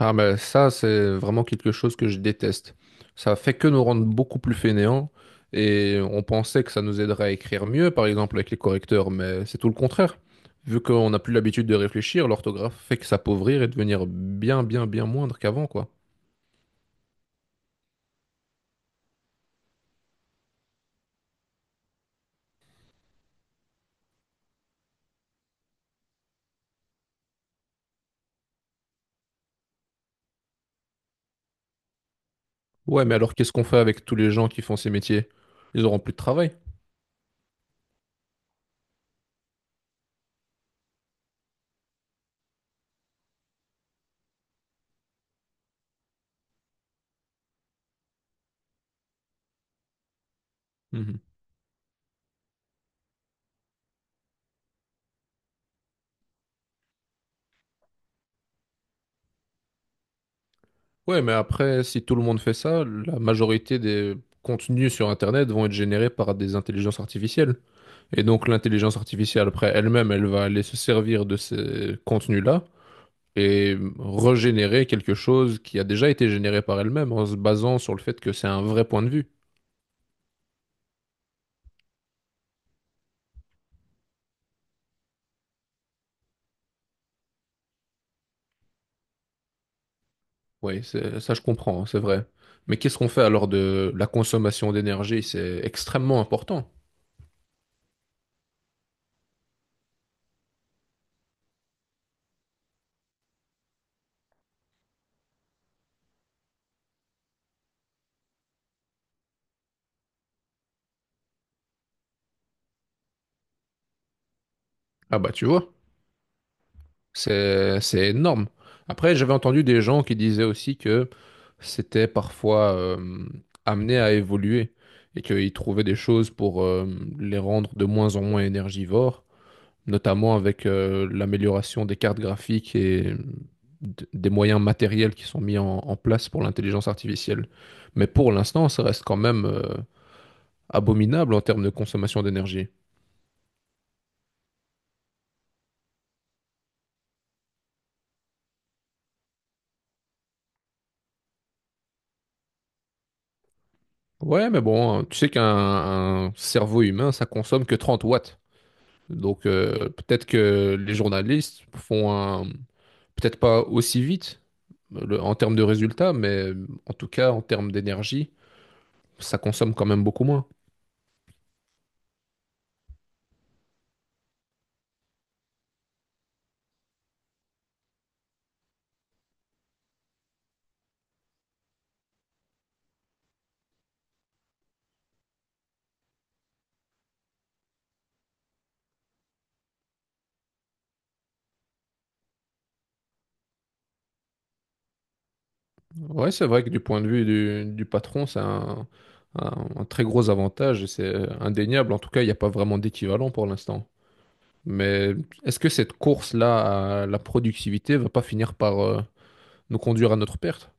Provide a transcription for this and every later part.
Ah mais ça, c'est vraiment quelque chose que je déteste. Ça fait que nous rendre beaucoup plus fainéants et on pensait que ça nous aiderait à écrire mieux, par exemple avec les correcteurs, mais c'est tout le contraire. Vu qu'on n'a plus l'habitude de réfléchir, l'orthographe fait que s'appauvrir et devenir bien, bien, bien moindre qu'avant, quoi. Ouais, mais alors qu'est-ce qu'on fait avec tous les gens qui font ces métiers? Ils auront plus de travail. Mhm. Ouais, mais après, si tout le monde fait ça, la majorité des contenus sur Internet vont être générés par des intelligences artificielles. Et donc l'intelligence artificielle, après elle-même, elle va aller se servir de ces contenus-là et régénérer quelque chose qui a déjà été généré par elle-même en se basant sur le fait que c'est un vrai point de vue. Oui, ça je comprends, hein, c'est vrai. Mais qu'est-ce qu'on fait alors de la consommation d'énergie? C'est extrêmement important. Ah bah tu vois, c'est énorme. Après, j'avais entendu des gens qui disaient aussi que s'étaient parfois amenés à évoluer et qu'ils trouvaient des choses pour les rendre de moins en moins énergivores, notamment avec l'amélioration des cartes graphiques et des moyens matériels qui sont mis en place pour l'intelligence artificielle. Mais pour l'instant, ça reste quand même abominable en termes de consommation d'énergie. Ouais, mais bon, hein, tu sais qu'un cerveau humain, ça consomme que 30 watts. Donc peut-être que les journalistes font peut-être pas aussi vite, en termes de résultats, mais en tout cas, en termes d'énergie, ça consomme quand même beaucoup moins. Ouais, c'est vrai que du point de vue du patron, c'est un très gros avantage et c'est indéniable. En tout cas, il n'y a pas vraiment d'équivalent pour l'instant. Mais est-ce que cette course-là à la productivité va pas finir par nous conduire à notre perte?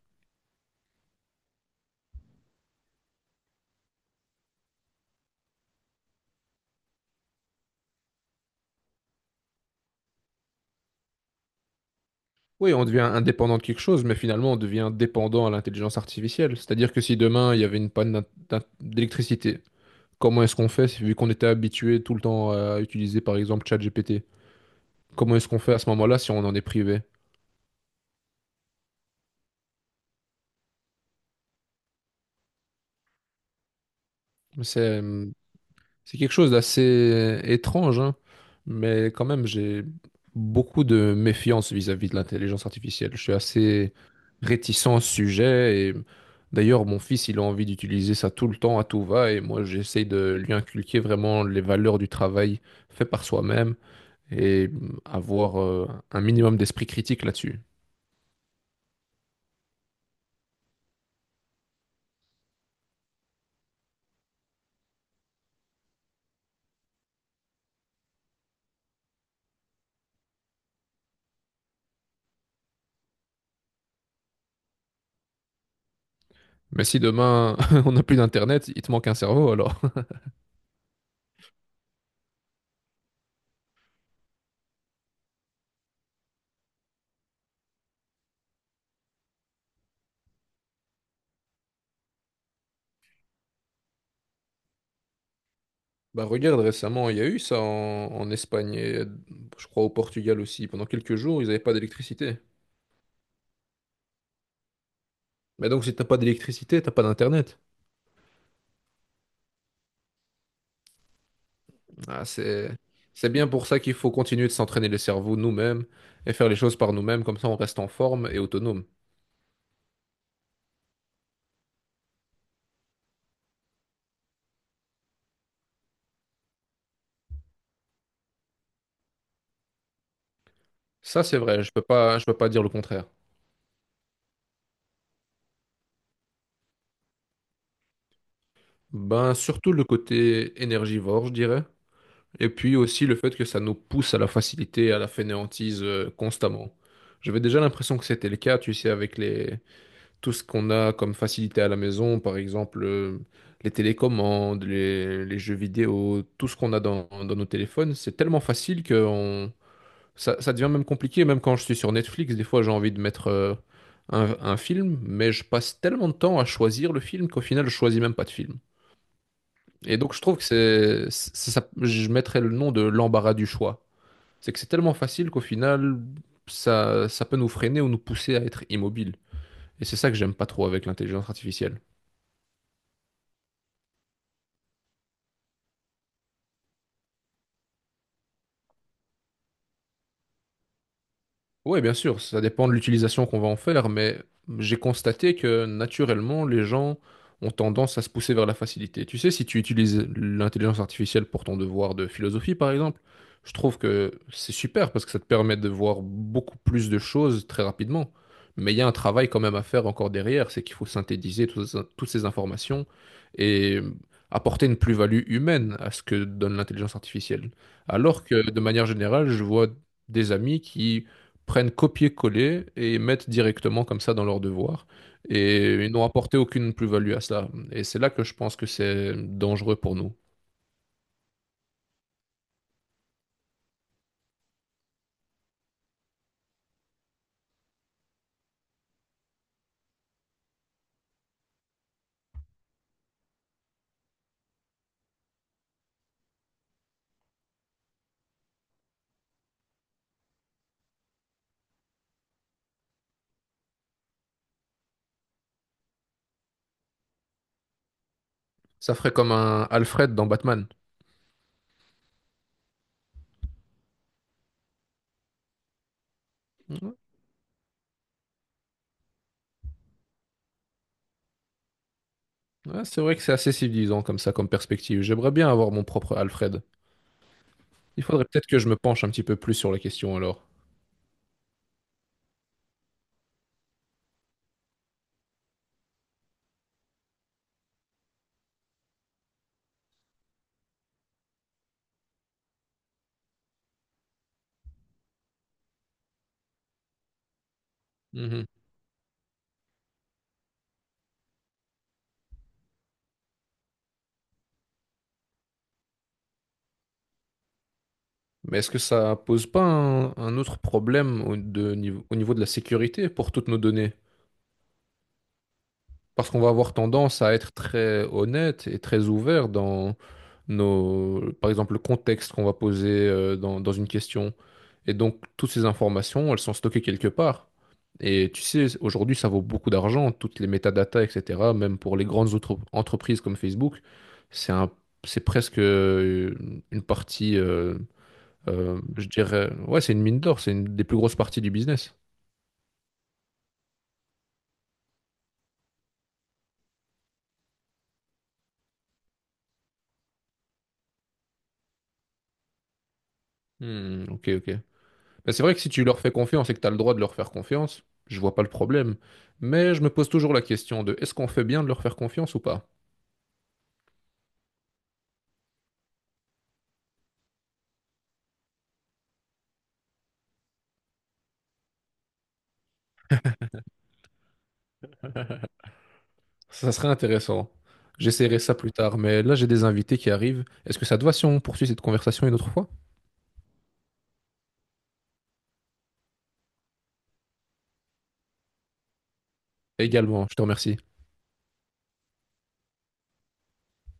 Oui, on devient indépendant de quelque chose, mais finalement, on devient dépendant à l'intelligence artificielle. C'est-à-dire que si demain, il y avait une panne d'électricité. Comment est-ce qu'on fait, vu qu'on était habitué tout le temps à utiliser par exemple ChatGPT? Comment est-ce qu'on fait à ce moment-là si on en est privé? C'est c'est quelque chose d'assez étrange, hein, mais quand même, j'ai beaucoup de méfiance vis-à-vis de l'intelligence artificielle. Je suis assez réticent au sujet et d'ailleurs, mon fils, il a envie d'utiliser ça tout le temps à tout va et moi, j'essaye de lui inculquer vraiment les valeurs du travail fait par soi-même et avoir un minimum d'esprit critique là-dessus. Mais si demain on n'a plus d'internet, il te manque un cerveau alors. Bah regarde, récemment il y a eu ça en Espagne et je crois au Portugal aussi. Pendant quelques jours, ils n'avaient pas d'électricité. Mais donc si t'as pas d'électricité, t'as pas d'internet. Ah, c'est bien pour ça qu'il faut continuer de s'entraîner les cerveaux nous-mêmes et faire les choses par nous-mêmes, comme ça on reste en forme et autonome. Ça c'est vrai, je peux pas dire le contraire. Ben surtout le côté énergivore, je dirais. Et puis aussi le fait que ça nous pousse à la facilité, à la fainéantise constamment. J'avais déjà l'impression que c'était le cas, tu sais, avec tout ce qu'on a comme facilité à la maison, par exemple les télécommandes, les jeux vidéo, tout ce qu'on a dans nos téléphones, c'est tellement facile que ça devient même compliqué. Même quand je suis sur Netflix, des fois j'ai envie de mettre un film, mais je passe tellement de temps à choisir le film qu'au final je choisis même pas de film. Et donc je trouve que je mettrais le nom de l'embarras du choix. C'est que c'est tellement facile qu'au final, ça peut nous freiner ou nous pousser à être immobile. Et c'est ça que j'aime pas trop avec l'intelligence artificielle. Oui, bien sûr, ça dépend de l'utilisation qu'on va en faire, mais j'ai constaté que naturellement, les gens ont tendance à se pousser vers la facilité. Tu sais, si tu utilises l'intelligence artificielle pour ton devoir de philosophie, par exemple, je trouve que c'est super parce que ça te permet de voir beaucoup plus de choses très rapidement. Mais il y a un travail quand même à faire encore derrière, c'est qu'il faut synthétiser toutes ces informations et apporter une plus-value humaine à ce que donne l'intelligence artificielle. Alors que de manière générale, je vois des amis qui prennent copier-coller et mettent directement comme ça dans leurs devoirs. Et ils n'ont apporté aucune plus-value à cela. Et c'est là que je pense que c'est dangereux pour nous. Ça ferait comme un Alfred dans Batman. Ouais, c'est vrai que c'est assez civilisant comme ça, comme perspective. J'aimerais bien avoir mon propre Alfred. Il faudrait peut-être que je me penche un petit peu plus sur la question alors. Mhm. Mais est-ce que ça pose pas un autre problème au niveau de la sécurité pour toutes nos données? Parce qu'on va avoir tendance à être très honnête et très ouvert dans nos, par exemple, le contexte qu'on va poser dans une question. Et donc, toutes ces informations, elles sont stockées quelque part. Et tu sais, aujourd'hui, ça vaut beaucoup d'argent, toutes les métadatas, etc. Même pour les grandes autres entreprises comme Facebook, c'est un, c'est presque une partie, je dirais, ouais, c'est une mine d'or, c'est une des plus grosses parties du business. Hmm, ok, ok. Mais c'est vrai que si tu leur fais confiance et que tu as le droit de leur faire confiance, je vois pas le problème. Mais je me pose toujours la question de est-ce qu'on fait bien de leur faire confiance ou pas? Ça serait intéressant. J'essaierai ça plus tard, mais là j'ai des invités qui arrivent. Est-ce que ça te va si on poursuit cette conversation une autre fois? Également, je te remercie.